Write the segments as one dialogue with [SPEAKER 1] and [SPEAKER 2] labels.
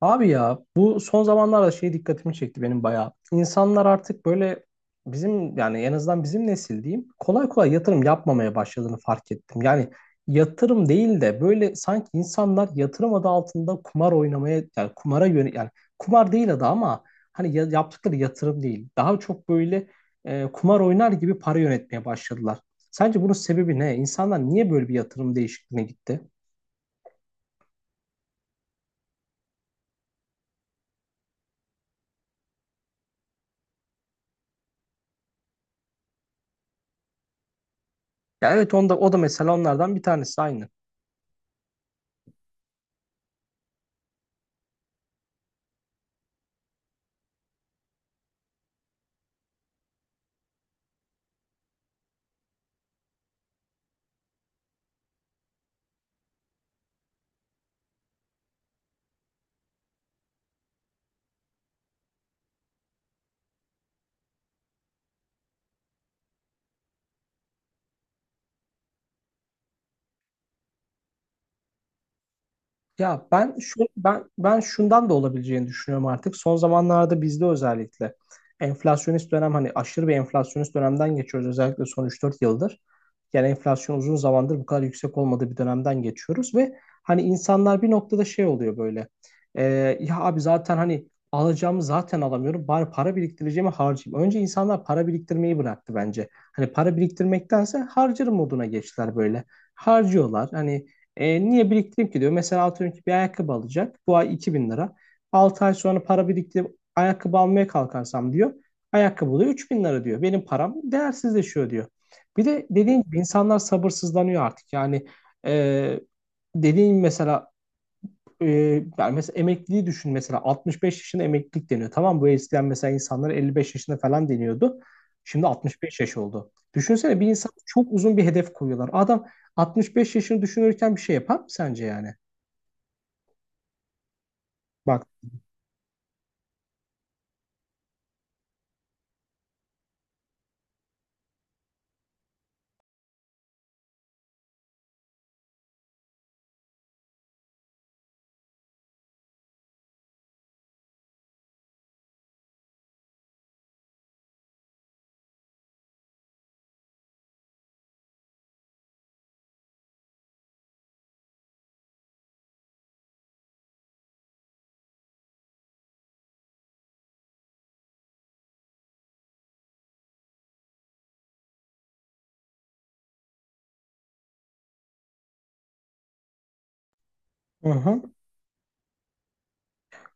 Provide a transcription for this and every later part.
[SPEAKER 1] Abi ya bu son zamanlarda şey dikkatimi çekti benim bayağı. İnsanlar artık böyle bizim yani en azından bizim nesil diyeyim kolay kolay yatırım yapmamaya başladığını fark ettim. Yani yatırım değil de böyle sanki insanlar yatırım adı altında kumar oynamaya yani kumara yön yani kumar değil adı ama hani yaptıkları yatırım değil. Daha çok böyle kumar oynar gibi para yönetmeye başladılar. Sence bunun sebebi ne? İnsanlar niye böyle bir yatırım değişikliğine gitti? Ya evet, onda, o da mesela onlardan bir tanesi aynı. Ya ben şu ben ben şundan da olabileceğini düşünüyorum artık. Son zamanlarda bizde özellikle enflasyonist dönem hani aşırı bir enflasyonist dönemden geçiyoruz özellikle son üç dört yıldır. Yani enflasyon uzun zamandır bu kadar yüksek olmadığı bir dönemden geçiyoruz ve hani insanlar bir noktada şey oluyor böyle. Ee, ya abi zaten hani alacağımı zaten alamıyorum. Bari para biriktireceğimi harcayayım. Önce insanlar para biriktirmeyi bıraktı bence. Hani para biriktirmektense harcarım moduna geçtiler böyle. Harcıyorlar. Hani niye biriktireyim ki diyor. Mesela atıyorum ki bir ayakkabı alacak. Bu ay 2.000 lira. 6 ay sonra para biriktirip ayakkabı almaya kalkarsam diyor. Ayakkabı da 3.000 lira diyor. Benim param değersizleşiyor diyor. Bir de dediğin gibi insanlar sabırsızlanıyor artık. Yani e, dediğin mesela e, yani mesela emekliliği düşün, mesela 65 yaşında emeklilik deniyor. Tamam mı? Bu eskiden mesela insanlar 55 yaşında falan deniyordu. Şimdi 65 yaş oldu. Düşünsene, bir insan çok uzun bir hedef koyuyorlar. Adam 65 yaşını düşünürken bir şey yapar mı sence yani? Bak. Hı hı.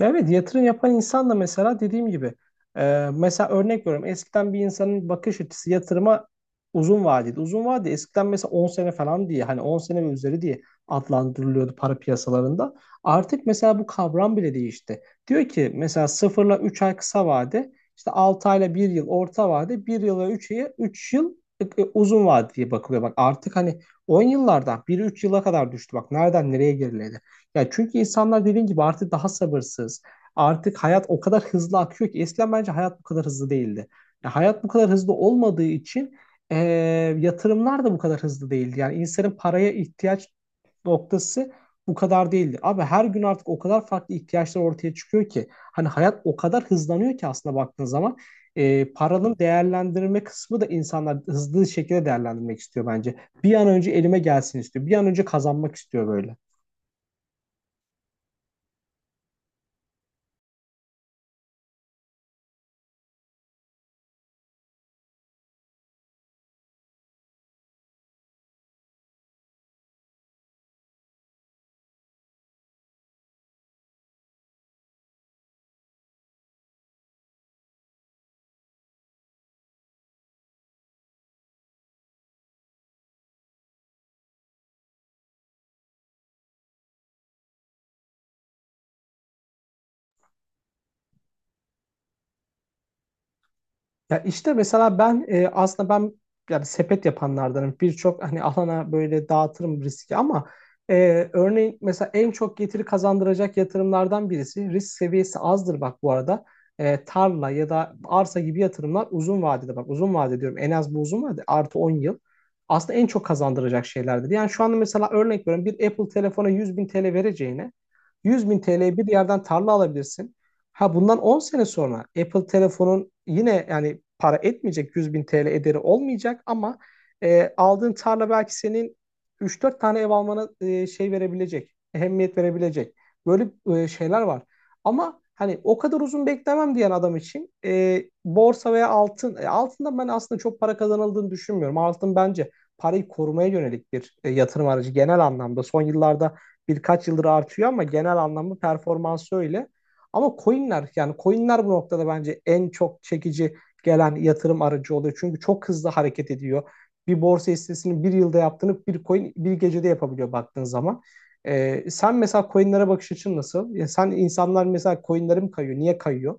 [SPEAKER 1] Evet, yatırım yapan insan da mesela dediğim gibi mesela örnek veriyorum, eskiden bir insanın bakış açısı yatırıma uzun vadeli. Uzun vade eskiden mesela 10 sene falan diye, hani 10 sene ve üzeri diye adlandırılıyordu para piyasalarında. Artık mesela bu kavram bile değişti. Diyor ki mesela sıfırla 3 ay kısa vade, işte 6 ayla bir yıl orta vade, bir yıla üç yıl uzun vade diye bakılıyor. Bak artık hani 10 yıllardan 1 üç yıla kadar düştü. Bak nereden nereye geriledi. Ya çünkü insanlar dediğin gibi artık daha sabırsız. Artık hayat o kadar hızlı akıyor ki eskiden bence hayat bu kadar hızlı değildi. Ya hayat bu kadar hızlı olmadığı için eee, yatırımlar da bu kadar hızlı değildi. Yani insanın paraya ihtiyaç noktası bu kadar değildi. Abi her gün artık o kadar farklı ihtiyaçlar ortaya çıkıyor ki hani hayat o kadar hızlanıyor ki aslında baktığın zaman paranın değerlendirme kısmı da insanlar hızlı şekilde değerlendirmek istiyor bence. Bir an önce elime gelsin istiyor. Bir an önce kazanmak istiyor böyle. Ya işte mesela ben aslında ben yani sepet yapanlardanım. Birçok hani alana böyle dağıtırım riski ama örneğin mesela en çok getiri kazandıracak yatırımlardan birisi risk seviyesi azdır, bak bu arada. Tarla ya da arsa gibi yatırımlar uzun vadede, bak uzun vade diyorum, en az bu uzun vade artı 10 yıl aslında en çok kazandıracak şeylerdir. Yani şu anda mesela örnek veriyorum, bir Apple telefona 100 bin TL vereceğine 100 bin TL'ye bir yerden tarla alabilirsin. Ha bundan 10 sene sonra Apple telefonun yine yani para etmeyecek, 100 bin TL ederi olmayacak ama aldığın tarla belki senin üç dört tane ev almana şey verebilecek, ehemmiyet verebilecek. Böyle şeyler var. Ama hani o kadar uzun beklemem diyen adam için borsa veya altın, altından ben aslında çok para kazanıldığını düşünmüyorum. Altın bence parayı korumaya yönelik bir yatırım aracı genel anlamda. Son yıllarda birkaç yıldır artıyor ama genel anlamda performansı öyle. Ama coinler yani coinler bu noktada bence en çok çekici gelen yatırım aracı oluyor. Çünkü çok hızlı hareket ediyor. Bir borsa hissesinin bir yılda yaptığını bir coin bir gecede yapabiliyor baktığın zaman. Sen mesela coinlere bakış açın nasıl? Ya sen, insanlar mesela coinlere mi kayıyor? Niye kayıyor?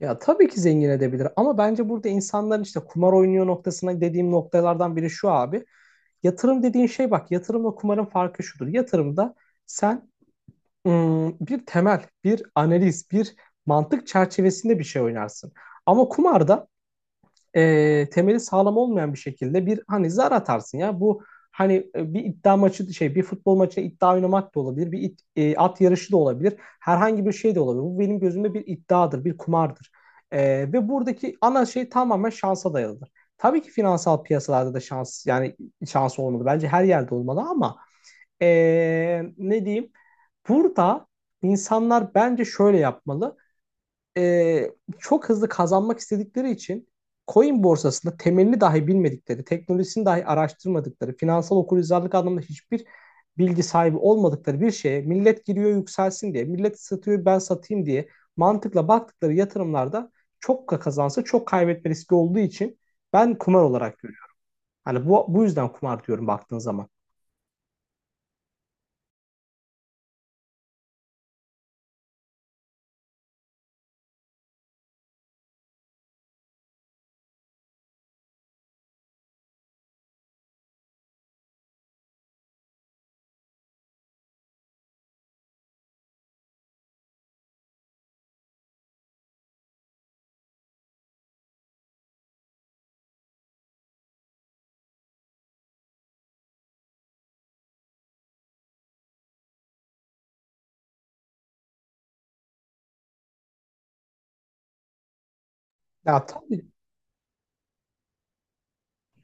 [SPEAKER 1] Ya tabii ki zengin edebilir ama bence burada insanların işte kumar oynuyor noktasına dediğim noktalardan biri şu abi. Yatırım dediğin şey bak, yatırımla kumarın farkı şudur. Yatırımda sen bir temel, bir analiz, bir mantık çerçevesinde bir şey oynarsın. Ama kumarda temeli sağlam olmayan bir şekilde bir hani zar atarsın ya. Bu hani bir iddia maçı şey bir futbol maçı iddia oynamak da olabilir. Bir at yarışı da olabilir. Herhangi bir şey de olabilir. Bu benim gözümde bir iddiadır, bir kumardır. E, ve buradaki ana şey tamamen şansa dayalıdır. Tabii ki finansal piyasalarda da şans yani şans olmalı. Bence her yerde olmalı ama e, ne diyeyim? Burada insanlar bence şöyle yapmalı, e, çok hızlı kazanmak istedikleri için coin borsasında temelini dahi bilmedikleri, teknolojisini dahi araştırmadıkları, finansal okuryazarlık anlamında hiçbir bilgi sahibi olmadıkları bir şeye millet giriyor yükselsin diye, millet satıyor ben satayım diye mantıkla baktıkları yatırımlarda çok kazansa çok kaybetme riski olduğu için ben kumar olarak görüyorum. Hani bu yüzden kumar diyorum baktığın zaman. Ya tabii.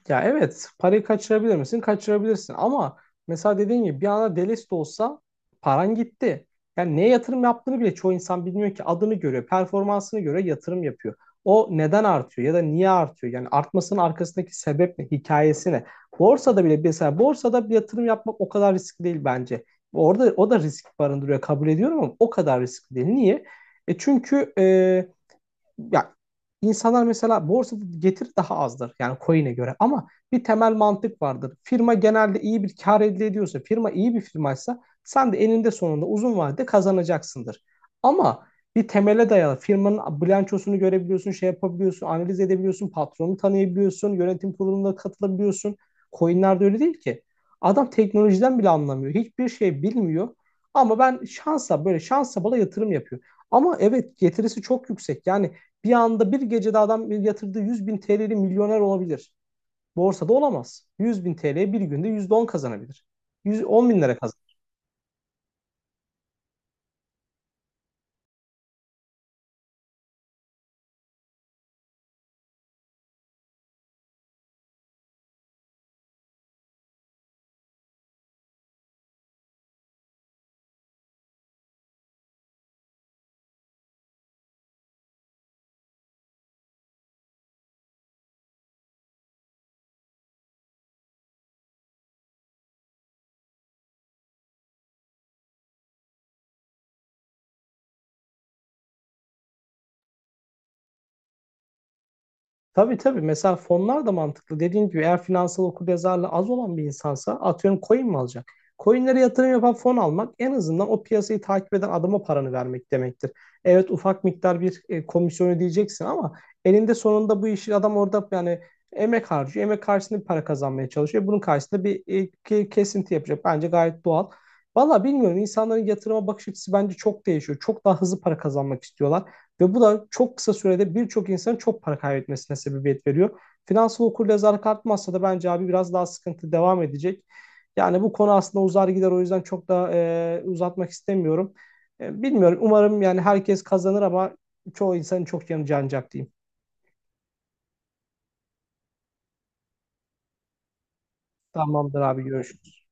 [SPEAKER 1] Ya evet, parayı kaçırabilir misin? Kaçırabilirsin ama mesela dediğin gibi bir anda delist olsa paran gitti. Yani neye yatırım yaptığını bile çoğu insan bilmiyor ki, adını görüyor, performansını göre yatırım yapıyor. O neden artıyor ya da niye artıyor? Yani artmasının arkasındaki sebep ne, hikayesi ne? Borsada bile mesela borsada bir yatırım yapmak o kadar riskli değil bence. Orada o da risk barındırıyor, kabul ediyorum, ama o kadar riskli değil. Niye? Çünkü ya, insanlar mesela borsada getiri daha azdır yani coin'e göre ama bir temel mantık vardır. Firma genelde iyi bir kar elde ediyorsa, firma iyi bir firmaysa sen de eninde sonunda uzun vadede kazanacaksındır. Ama bir temele dayalı firmanın bilançosunu görebiliyorsun, şey yapabiliyorsun, analiz edebiliyorsun, patronu tanıyabiliyorsun, yönetim kuruluna katılabiliyorsun. Coin'lerde öyle değil ki. Adam teknolojiden bile anlamıyor. Hiçbir şey bilmiyor. Ama ben şansa, böyle şansa bala yatırım yapıyor. Ama evet, getirisi çok yüksek. Yani bir anda bir gecede adam yatırdığı 100 bin TL'li milyoner olabilir. Borsada olamaz. 100 bin TL bir günde %10 kazanabilir. 100 10 bin lira kazanabilir. Tabii, tabii. Mesela fonlar da mantıklı. Dediğim gibi eğer finansal okuryazarlığı az olan bir insansa, atıyorum, coin mi alacak? Coinlere yatırım yapan fon almak en azından o piyasayı takip eden adama paranı vermek demektir. Evet, ufak miktar bir komisyon ödeyeceksin ama elinde sonunda bu işi adam orada yani emek harcıyor. Emek karşısında bir para kazanmaya çalışıyor. Bunun karşısında bir kesinti yapacak. Bence gayet doğal. Valla bilmiyorum, insanların yatırıma bakış açısı bence çok değişiyor. Çok daha hızlı para kazanmak istiyorlar. Ve bu da çok kısa sürede birçok insanın çok para kaybetmesine sebebiyet veriyor. Finansal okuryazarlık artmazsa da bence abi biraz daha sıkıntı devam edecek. Yani bu konu aslında uzar gider, o yüzden çok da uzatmak istemiyorum. Bilmiyorum, umarım yani herkes kazanır ama çoğu insanın çok yanı canacak diyeyim. Tamamdır abi, görüşürüz.